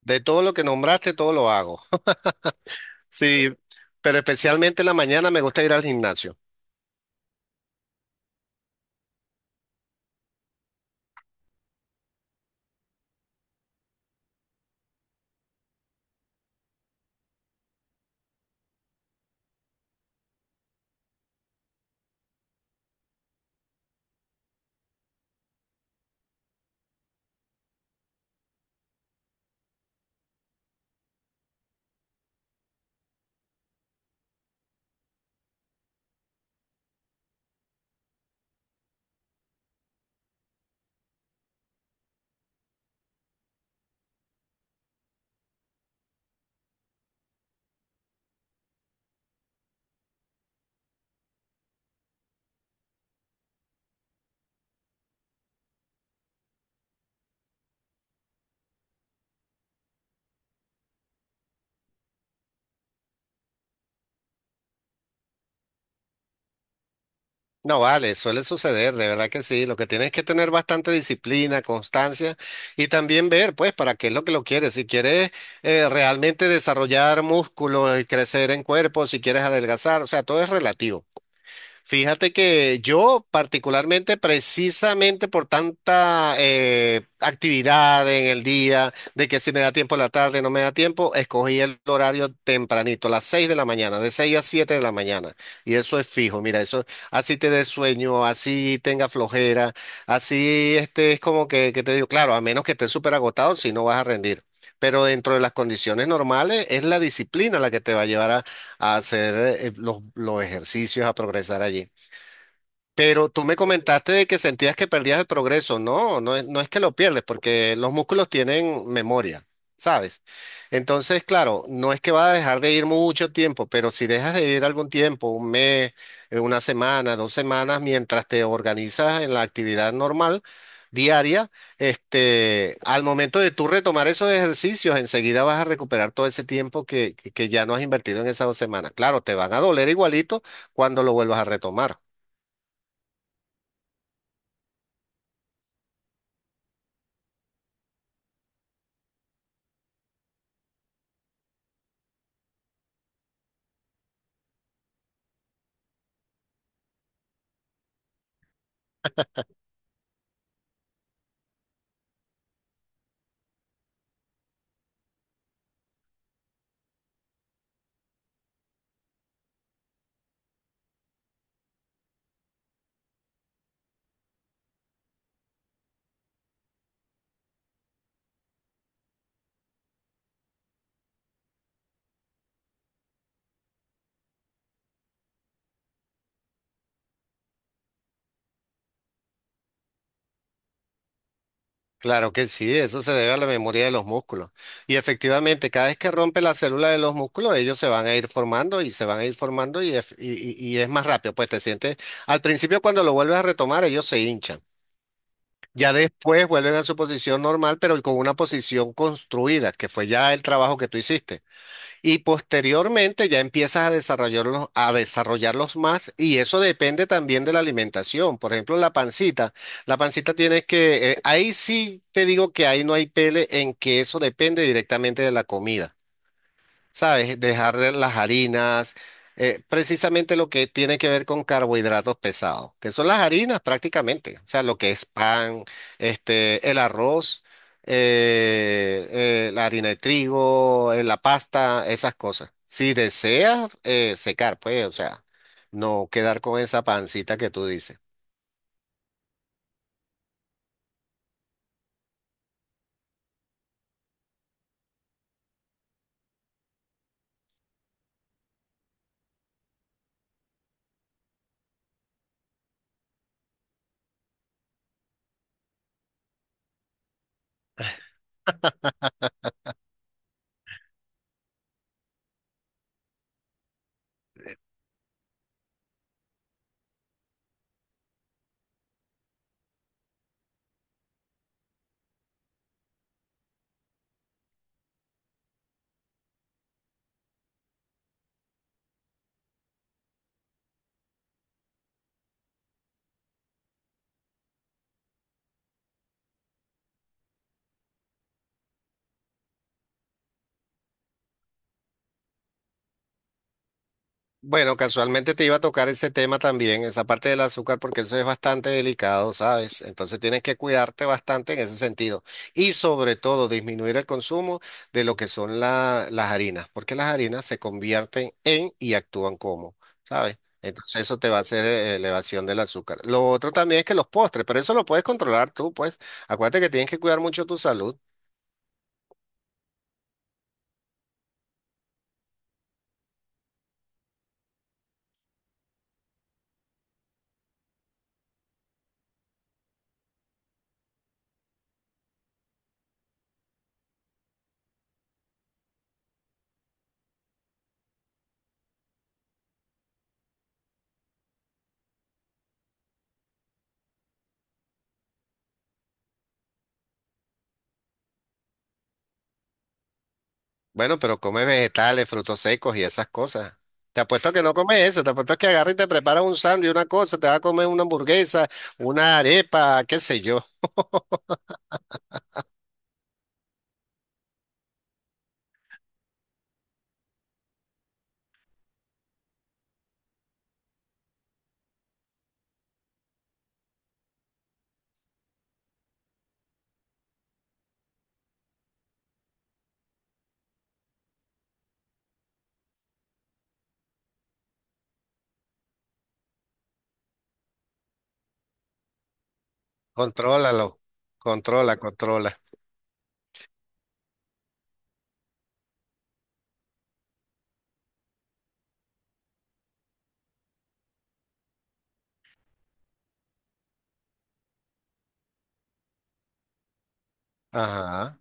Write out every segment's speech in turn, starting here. De todo lo que nombraste, todo lo hago. Sí, pero especialmente en la mañana me gusta ir al gimnasio. No, vale, suele suceder, de verdad que sí. Lo que tienes es que tener bastante disciplina, constancia y también ver, pues, para qué es lo que lo quieres. Si quieres realmente desarrollar músculo y crecer en cuerpo, si quieres adelgazar, o sea, todo es relativo. Fíjate que yo particularmente, precisamente por tanta actividad en el día, de que si me da tiempo en la tarde, no me da tiempo, escogí el horario tempranito, las 6 de la mañana, de 6 a 7 de la mañana. Y eso es fijo, mira, eso así te dé sueño, así tenga flojera, así este es como que te digo, claro, a menos que estés súper agotado, si no vas a rendir. Pero dentro de las condiciones normales es la disciplina la que te va a llevar a hacer los ejercicios, a progresar allí. Pero tú me comentaste de que sentías que perdías el progreso. No, no es, no es que lo pierdes, porque los músculos tienen memoria, ¿sabes? Entonces, claro, no es que vas a dejar de ir mucho tiempo, pero si dejas de ir algún tiempo, 1 mes, 1 semana, 2 semanas, mientras te organizas en la actividad normal, diaria, este, al momento de tú retomar esos ejercicios, enseguida vas a recuperar todo ese tiempo que ya no has invertido en esas 2 semanas. Claro, te van a doler igualito cuando lo vuelvas a retomar. Claro que sí, eso se debe a la memoria de los músculos. Y efectivamente, cada vez que rompe la célula de los músculos, ellos se van a ir formando y se van a ir formando y es más rápido. Pues te sientes, al principio cuando lo vuelves a retomar, ellos se hinchan. Ya después vuelven a su posición normal, pero con una posición construida, que fue ya el trabajo que tú hiciste. Y posteriormente ya empiezas a desarrollarlos más y eso depende también de la alimentación. Por ejemplo, la pancita. La pancita tienes que, ahí sí te digo que ahí no hay pele en que eso depende directamente de la comida. ¿Sabes? Dejar de las harinas, precisamente lo que tiene que ver con carbohidratos pesados, que son las harinas prácticamente, o sea, lo que es pan, este, el arroz, la harina de trigo, la pasta, esas cosas. Si deseas secar, pues, o sea, no quedar con esa pancita que tú dices. Bueno, casualmente te iba a tocar ese tema también, esa parte del azúcar, porque eso es bastante delicado, ¿sabes? Entonces tienes que cuidarte bastante en ese sentido. Y sobre todo disminuir el consumo de lo que son la- las harinas, porque las harinas se convierten en y actúan como, ¿sabes? Entonces eso te va a hacer elevación del azúcar. Lo otro también es que los postres, pero eso lo puedes controlar tú, pues. Acuérdate que tienes que cuidar mucho tu salud. Bueno, pero come vegetales, frutos secos y esas cosas. Te apuesto que no comes eso, te apuesto que agarra y te prepara un sándwich, una cosa, te va a comer una hamburguesa, una arepa, qué sé yo. Contrólalo, controla, controla. Ajá.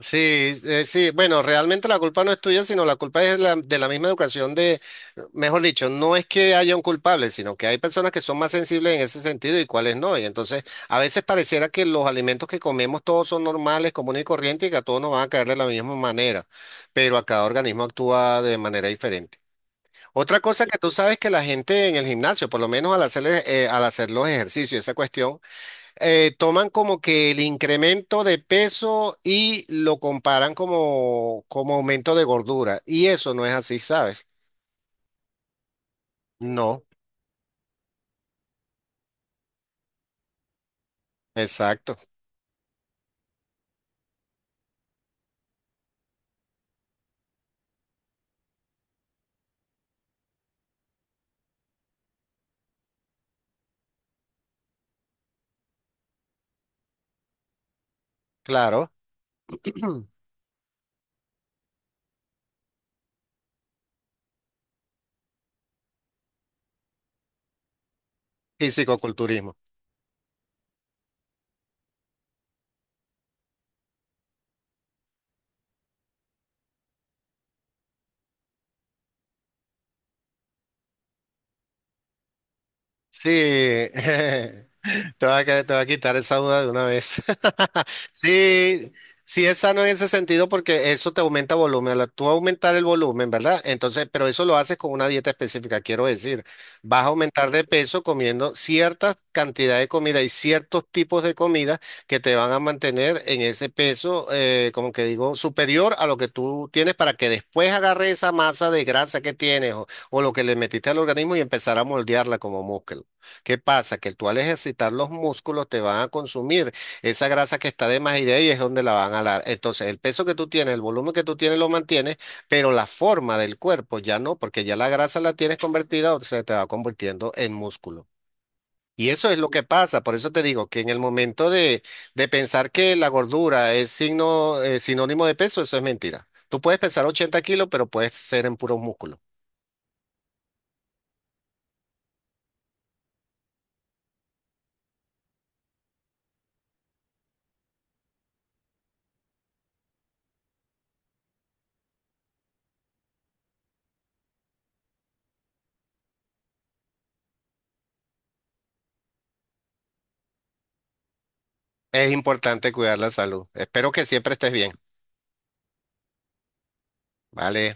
Sí, sí, bueno, realmente la culpa no es tuya, sino la culpa es la- de la misma educación de, mejor dicho, no es que haya un culpable, sino que hay personas que son más sensibles en ese sentido y cuáles no. Y entonces, a veces pareciera que los alimentos que comemos todos son normales, comunes y corrientes y que a todos nos van a caer de la misma manera, pero a cada organismo actúa de manera diferente. Otra cosa que tú sabes que la gente en el gimnasio, por lo menos al hacer los ejercicios, esa cuestión toman como que el incremento de peso y lo comparan como, como aumento de gordura. Y eso no es así, ¿sabes? No, exacto, claro. Fisicoculturismo. Sí, te va a, que- te va a quitar esa duda de una vez. Sí, sí es sano en ese sentido porque eso te aumenta volumen. Al tú aumentar el volumen, ¿verdad? Entonces, pero eso lo haces con una dieta específica, quiero decir. Vas a aumentar de peso comiendo cierta cantidad de comida y ciertos tipos de comida que te van a mantener en ese peso, como que digo, superior a lo que tú tienes para que después agarre esa masa de grasa que tienes o lo que le metiste al organismo y empezar a moldearla como músculo. ¿Qué pasa? Que tú al ejercitar los músculos te van a consumir esa grasa que está de más y de ahí es donde la van a dar. Entonces, el peso que tú tienes, el volumen que tú tienes lo mantienes, pero la forma del cuerpo ya no, porque ya la grasa la tienes convertida o se te va convirtiendo en músculo. Y eso es lo que pasa. Por eso te digo que en el momento de pensar que la gordura es signo, sinónimo de peso, eso es mentira. Tú puedes pesar 80 kilos, pero puedes ser en puros músculos. Es importante cuidar la salud. Espero que siempre estés bien. Vale.